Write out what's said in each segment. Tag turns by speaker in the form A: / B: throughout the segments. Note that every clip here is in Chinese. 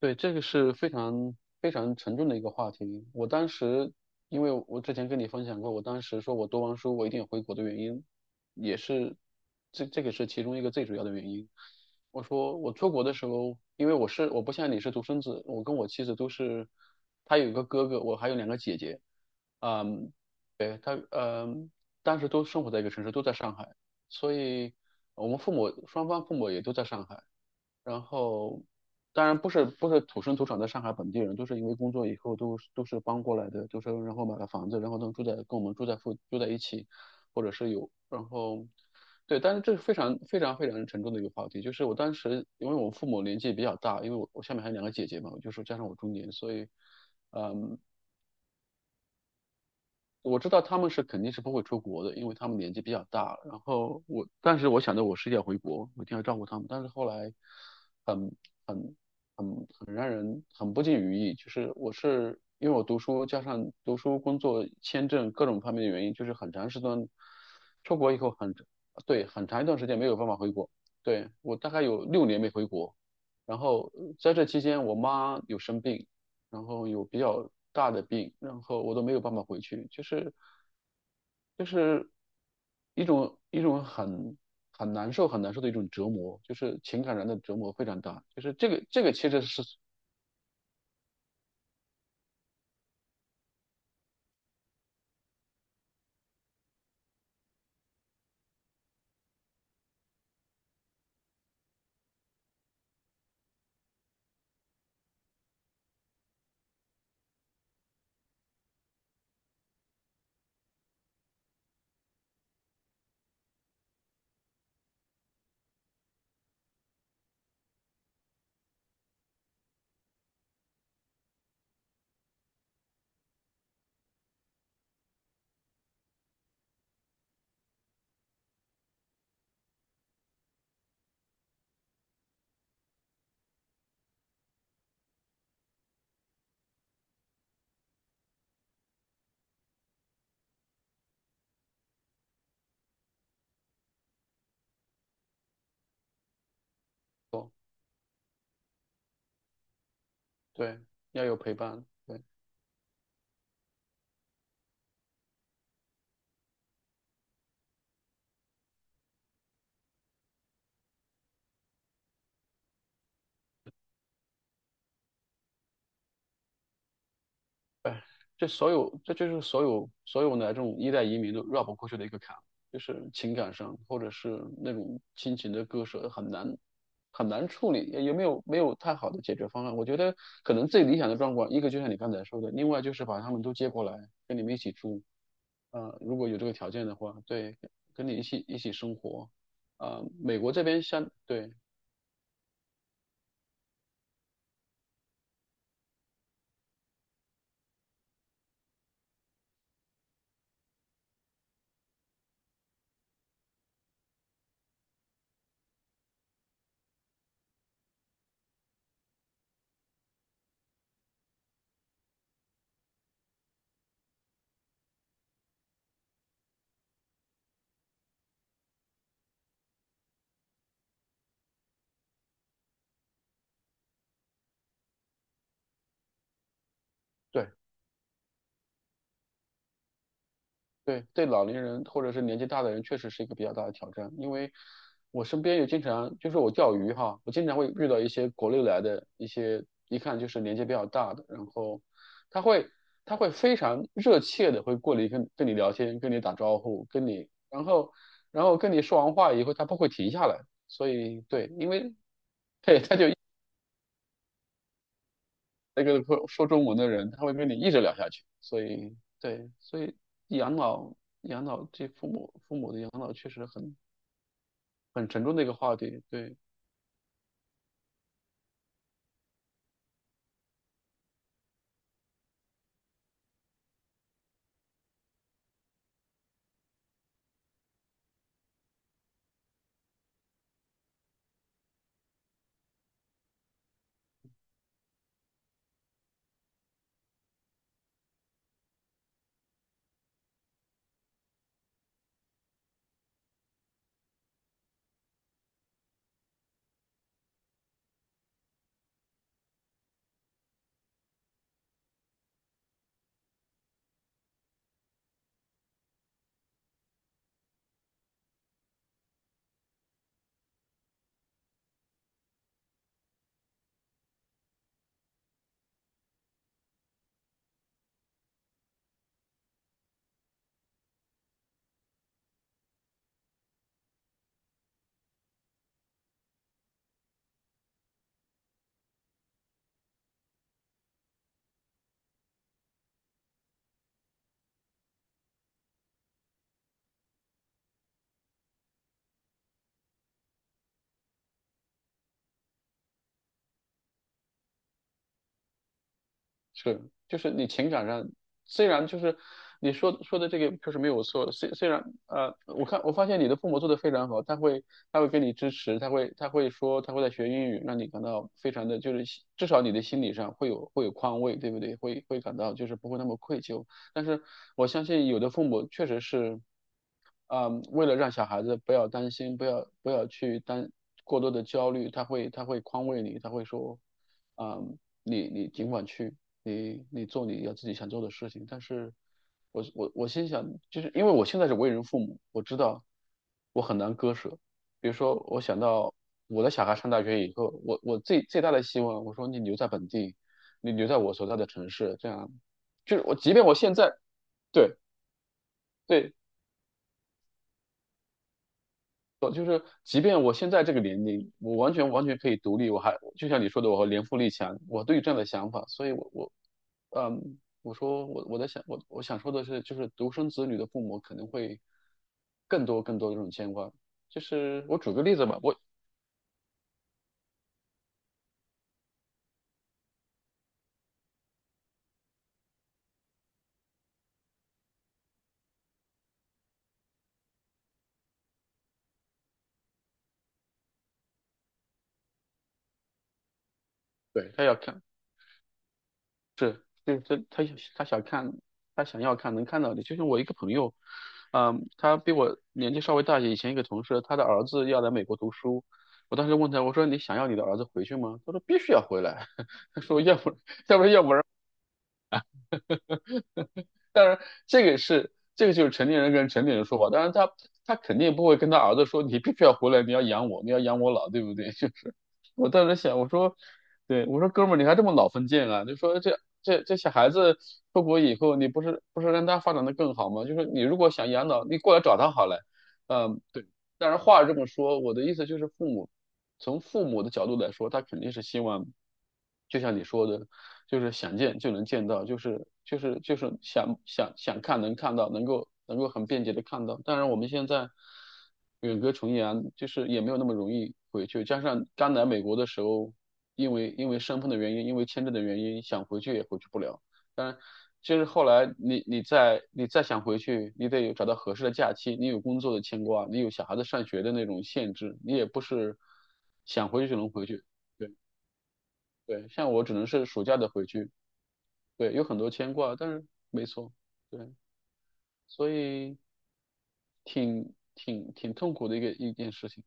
A: 对，这个是非常非常沉重的一个话题。我当时，因为我之前跟你分享过，我当时说我读完书我一定回国的原因，也是这个是其中一个最主要的原因。我说我出国的时候，因为我不像你是独生子，我跟我妻子都是，她有一个哥哥，我还有两个姐姐，嗯，对，当时都生活在一个城市，都在上海，所以我们父母双方父母也都在上海。然后，当然不是土生土长的上海本地人，都是因为工作以后都是搬过来的，就是然后买了房子，然后能住在跟我们住在一起，或者是有，然后对，但是这是非常非常非常沉重的一个话题，就是我当时因为我父母年纪比较大，因为我下面还有两个姐姐嘛，我就是加上我中年，所以。嗯。我知道他们是肯定是不会出国的，因为他们年纪比较大了然后我，但是我想着我是要回国，我一定要照顾他们。但是后来很，很很让人很不尽如意，就是我是因为我读书加上读书、工作、签证各种方面的原因，就是很长时间出国以后很，对，很长一段时间没有办法回国。对，我大概有6年没回国。然后在这期间，我妈有生病，然后有比较大的病，然后我都没有办法回去，就是一种很难受很难受的一种折磨，就是情感上的折磨非常大，就是这个其实是，对，要有陪伴。对。哎，这就是所有的这种一代移民都绕不过去的一个坎，就是情感上或者是那种亲情的割舍很难很难处理，也没有太好的解决方案。我觉得可能最理想的状况，一个就像你刚才说的，另外就是把他们都接过来跟你们一起住，如果有这个条件的话，对，跟你一起生活，美国这边对。对，对老年人或者是年纪大的人，确实是一个比较大的挑战。因为我身边也经常，就是我钓鱼哈，我经常会遇到一些国内来的一些，一看就是年纪比较大的，然后他会他会非常热切的会过来跟你聊天，跟你打招呼，然后跟你说完话以后，他不会停下来。所以对，因为那个说中文的人，他会跟你一直聊下去。所以对，所以养老养老这父母的养老确实很。很沉重的一个话题。对，是，就是你情感上，虽然就是你说的这个确实没有错，虽然我发现你的父母做的非常好，他会给你支持，他会说他会在学英语，让你感到非常的就是至少你的心理上会有宽慰，对不对？会感到就是不会那么愧疚。但是我相信有的父母确实是。嗯，为了让小孩子不要担心，不要去担过多的焦虑，他会宽慰你，他会说，嗯，你尽管去，你做你要自己想做的事情。但是我心想，就是因为我现在是为人父母，我知道我很难割舍。比如说，我想到我的小孩上大学以后，我最最大的希望，我说你留在本地，你留在我所在的城市，这样，就是我即便我现在对。对，就是即便我现在这个年龄，我完全完全可以独立，我还就像你说的，我和年富力强，我都有这样的想法，所以我说我在想我想说的是，就是独生子女的父母可能会更多更多的这种牵挂，就是我举个例子吧，我对他要看是，就是他想看，他想要看能看到的。就像我一个朋友，他比我年纪稍微大一些，以前一个同事，他的儿子要来美国读书。我当时问他，我说你想要你的儿子回去吗？他说必须要回来。他说要不当然，这个就是成年人跟成年人说话。当然他肯定不会跟他儿子说：“你必须要回来，你要养我，你要养我老，对不对？” 就是我当时想，我说，对，我说哥们儿，你还这么老封建啊？就说这小孩子出国以后，你不是让他发展的更好吗？就是你如果想养老，你过来找他好了。嗯，对。当然话这么说，我的意思就是父母，从父母的角度来说，他肯定是希望，就像你说的，就是想见就能见到，就是想看能看到，能够很便捷的看到。当然我们现在远隔重洋，就是也没有那么容易回去。加上刚来美国的时候，因为身份的原因，因为签证的原因，想回去也回去不了。当然，就是后来你再想回去，你得有找到合适的假期，你有工作的牵挂，你有小孩子上学的那种限制，你也不是想回去就能回去。对，对，像我只能是暑假的回去，对，有很多牵挂，但是没错，对，所以挺痛苦的一件事情。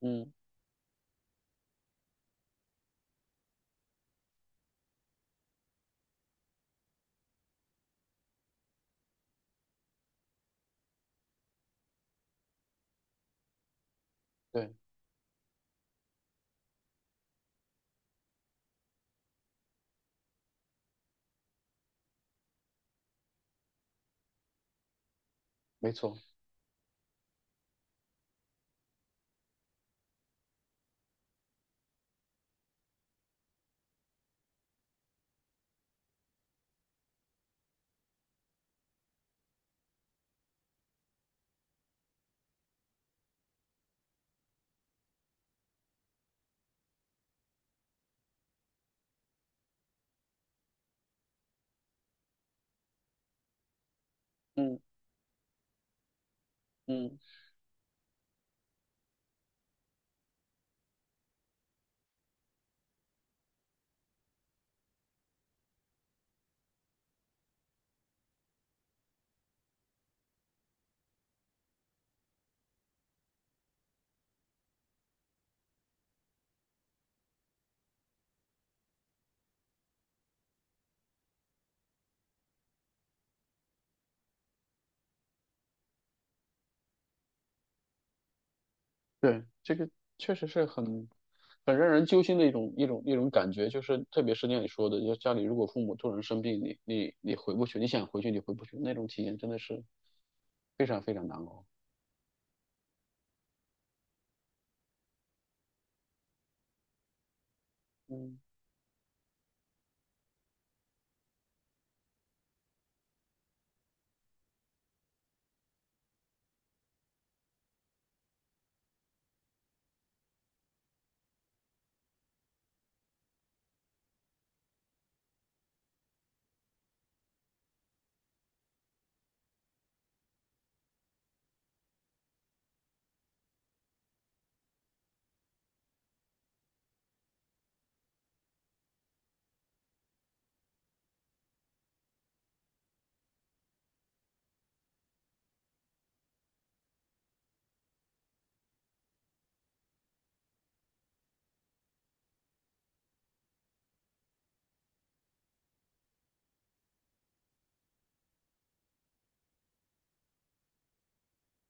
A: 嗯，对，没错。嗯嗯。对，这个确实是很让人揪心的一种感觉，就是特别是像你说的，就家里如果父母突然生病，你回不去，你想回去你回不去，那种体验真的是非常非常难熬。嗯。